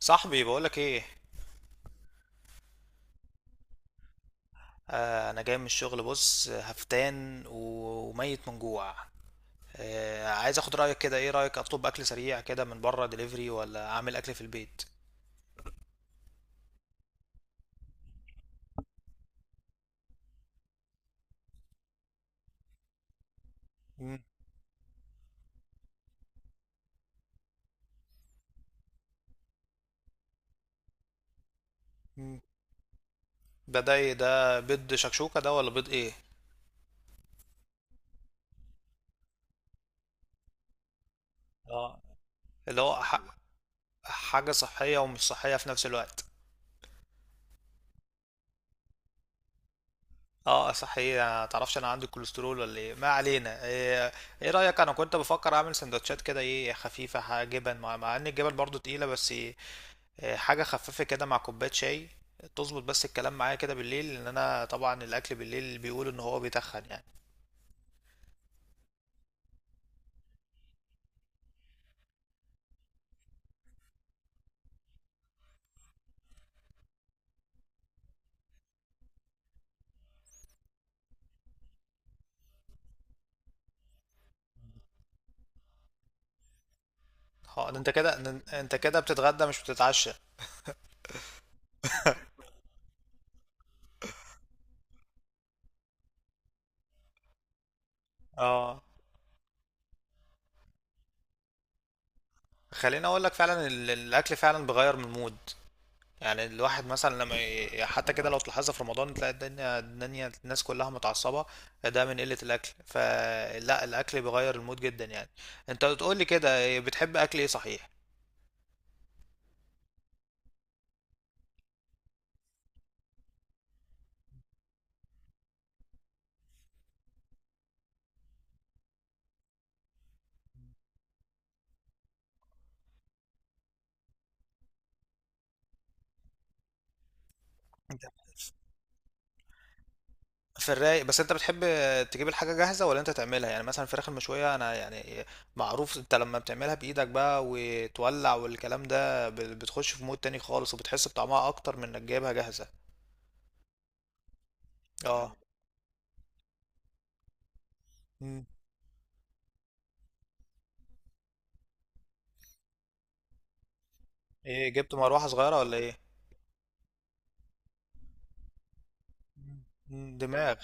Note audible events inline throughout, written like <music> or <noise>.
صاحبي بقولك ايه؟ انا جاي من الشغل، بص هفتان وميت من جوع. عايز اخد رايك كده، ايه رايك اطلب اكل سريع كده من بره دليفري، ولا اعمل اكل في البيت؟ مم، مم. ده ايه ده، بيض شكشوكه ده ولا بيض ايه؟ اه، اللي هو حاجه صحيه ومش صحيه في نفس الوقت. اه صحيح، ما تعرفش انا عندي كوليسترول ولا ايه، ما علينا، ايه، إيه رايك؟ انا كنت بفكر اعمل سندوتشات كده، ايه، خفيفه، جبن، مع ان الجبن برضو تقيله، بس إيه، حاجة خفيفة كده مع كوباية شاي، تظبط. بس الكلام معايا كده بالليل، لأن أنا طبعا الأكل بالليل بيقول إن هو بيتخن يعني. اه، ده انت كده، ده انت كده بتتغدى مش بتتعشى. اه، خليني اقول لك، فعلا الاكل فعلا بيغير من المود. يعني الواحد مثلا لما حتى كده لو تلاحظها في رمضان، تلاقي الدنيا الناس كلها متعصبه، ده من قله الاكل. فلا، الاكل بيغير المود جدا يعني. انت بتقول لي كده بتحب اكل ايه صحيح؟ في الرايق، بس انت بتحب تجيب الحاجة جاهزة ولا انت تعملها؟ يعني مثلا الفراخ المشوية، انا يعني معروف، انت لما بتعملها بإيدك بقى وتولع والكلام ده بتخش في مود تاني خالص، وبتحس بطعمها اكتر من انك جايبها جاهزة. اه. مم. ايه، جبت مروحة صغيرة ولا ايه؟ مم. دماغ.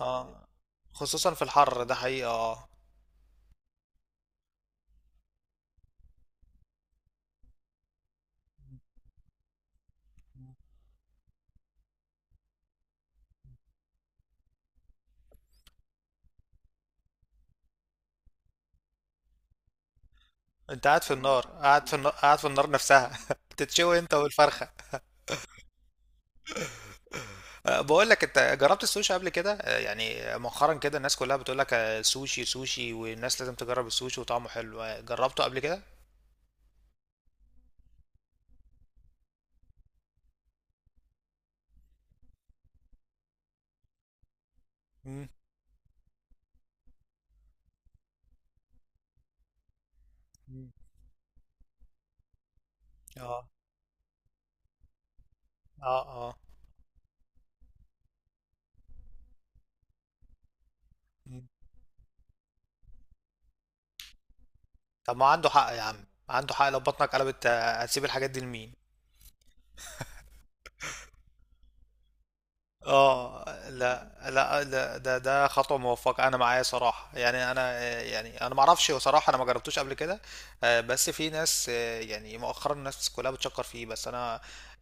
اه، خصوصا في الحر ده حقيقة، اه. انت قاعد في النار، قاعد في النار، قاعد في النار نفسها <laughs> بتتشوي انت والفرخة. بقول لك، انت جربت السوشي قبل كده؟ يعني مؤخرا كده الناس كلها بتقول لك سوشي سوشي، والناس لازم تجرب السوشي وطعمه حلو، جربته قبل كده؟ مم، مم، اه، اه، اه، مم. طب ما عنده حق يا عم، عنده حق، لو بطنك قلبت هتسيب الحاجات دي لمين؟ اه. لا، لا، لا، ده خطوه موفقه، انا معايا صراحه. يعني انا يعني انا ما اعرفش، هو صراحه انا ما جربتوش قبل كده. بس في ناس يعني مؤخرا الناس كلها بتشكر فيه، بس انا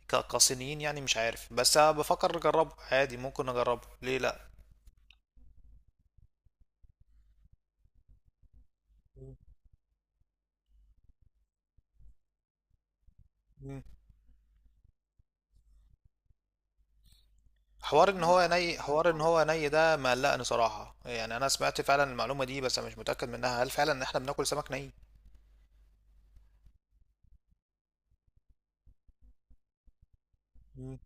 كصينيين يعني، مش عارف، بس أنا بفكر اجربه عادي، ممكن اجربه، ليه لا؟ مم. حوار ان هو ني، حوار ان هو ني ده مقلقني صراحه، يعني انا سمعت فعلا المعلومه دي، بس أنا مش متاكد منها، هل فعلا احنا بناكل سمك ني؟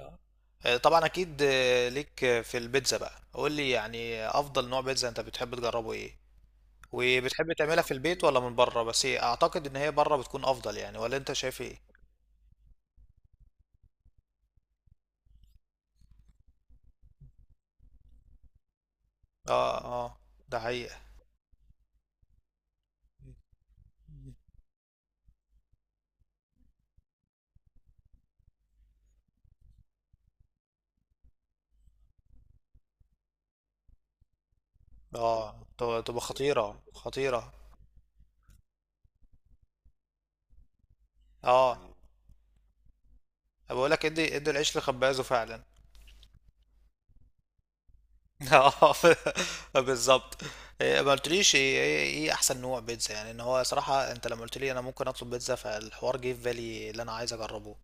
آه. طبعا اكيد، ليك، في البيتزا بقى، قول لي يعني افضل نوع بيتزا انت بتحب تجربه ايه، وبتحب تعملها في البيت ولا من بره؟ بس إيه، اعتقد ان هي بره بتكون افضل يعني، ولا انت شايف ايه؟ اه، اه، ده حقيقة، اه، تبقى خطيرة، خطيرة. اه، بقول لك، ادي العيش لخبازه فعلا. <laughs> اه، بالظبط. إيه، ما قلتليش ايه ايه إيه احسن نوع بيتزا؟ يعني ان هو صراحة انت لما قلت لي انا ممكن اطلب بيتزا، فالحوار جه في بالي اللي انا عايز اجربه.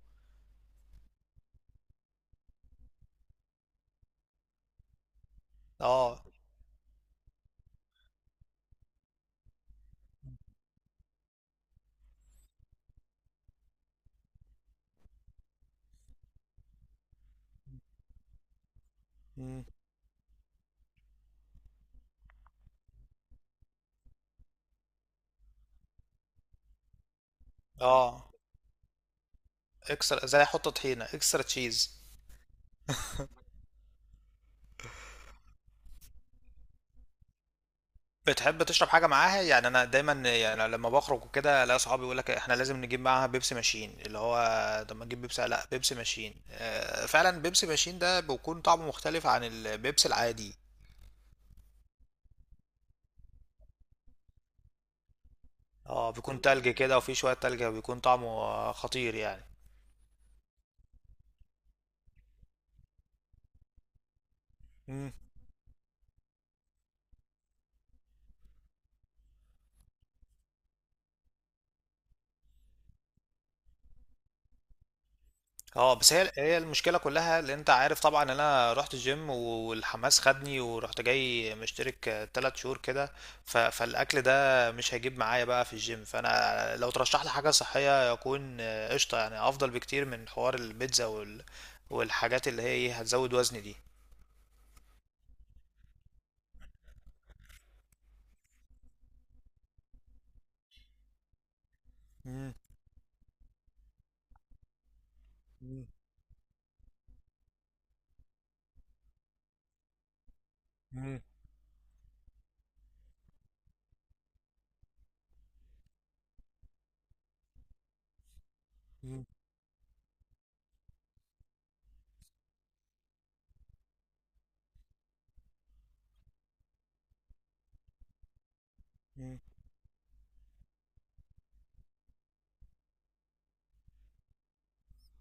اه. مم. اه، اكسترا، زي حط طحينة اكسترا تشيز. بتحب تشرب حاجة معاها؟ يعني انا دايما يعني لما بخرج وكده، الاقي صحابي يقول لك احنا لازم نجيب معاها بيبسي ماشين، اللي هو طب ما نجيب بيبسي؟ لا، بيبسي ماشين، فعلا بيبسي ماشين ده بيكون طعمه مختلف عن البيبسي العادي. اه، بيكون تلج كده، وفيه شوية تلج، وبيكون طعمه خطير يعني. مم. اه، بس هي المشكله كلها، اللي انت عارف طبعا ان انا رحت الجيم، والحماس خدني ورحت جاي مشترك تلات شهور كده. فالاكل ده مش هيجيب معايا بقى في الجيم، فانا لو ترشح لي حاجه صحيه يكون قشطه، يعني افضل بكتير من حوار البيتزا والحاجات اللي هي ايه، هتزود وزني دي. مم، مم، مم، مم،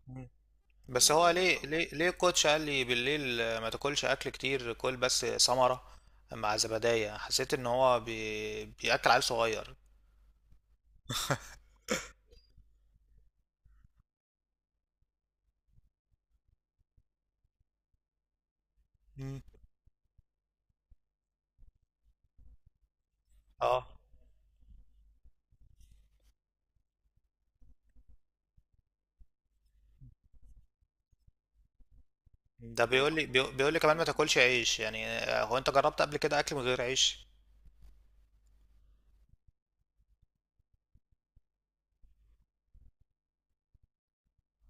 مم، بس هو ليه الكوتش قال لي بالليل ما تاكلش اكل كتير، كل بس ثمرة مع زبدية، حسيت ان هو بياكل عيل صغير. مم. اه، ده بيقول لي كمان ما تاكلش عيش يعني، هو انت جربت قبل كده اكل من غير عيش؟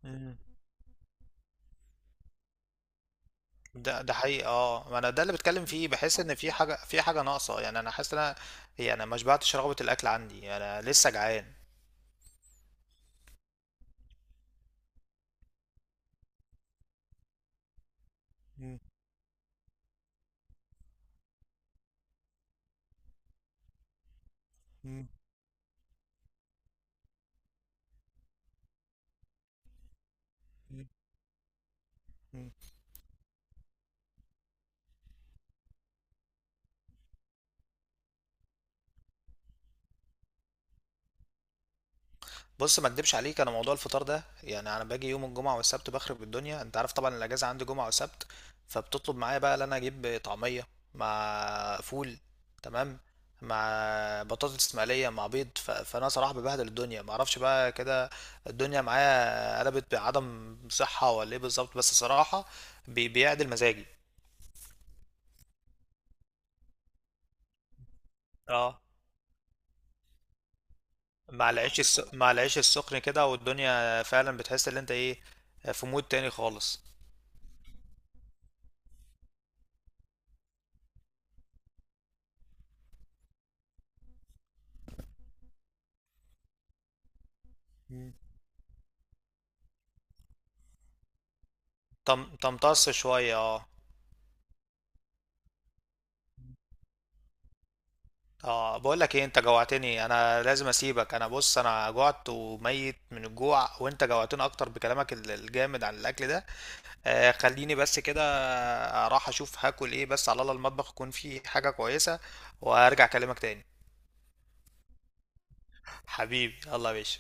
مم. ده حقيقي، اه، ما انا ده اللي بتكلم فيه، بحس ان في حاجه ناقصه، يعني انا حاسس ان انا يعني ما شبعتش، رغبه الاكل عندي انا لسه جعان. مم. مم. مم. بص، ما اكدبش عليك، انا موضوع الفطار ده، يعني انا باجي يوم الجمعه والسبت بخرب الدنيا، انت عارف طبعا الاجازه عندي جمعه وسبت، فبتطلب معايا بقى ان انا اجيب طعميه مع فول، تمام، مع بطاطس مقليه مع بيض، فانا صراحه ببهدل الدنيا، ما اعرفش بقى كده الدنيا معايا قلبت بعدم صحه ولا ايه بالظبط، بس صراحه بيعدل مزاجي. اه، مع العيش السخن كده، والدنيا فعلا بتحس ان انت ايه، في مود تاني خالص. تمتص شوية، اه. اه، بقول لك ايه، انت جوعتني انا، لازم اسيبك، انا بص انا جوعت، وميت من الجوع، وانت جوعتني اكتر بكلامك الجامد عن الاكل ده. خليني بس كده اروح اشوف هاكل ايه، بس على الله المطبخ يكون فيه حاجة كويسة، وهرجع اكلمك تاني. حبيبي، الله يا باشا.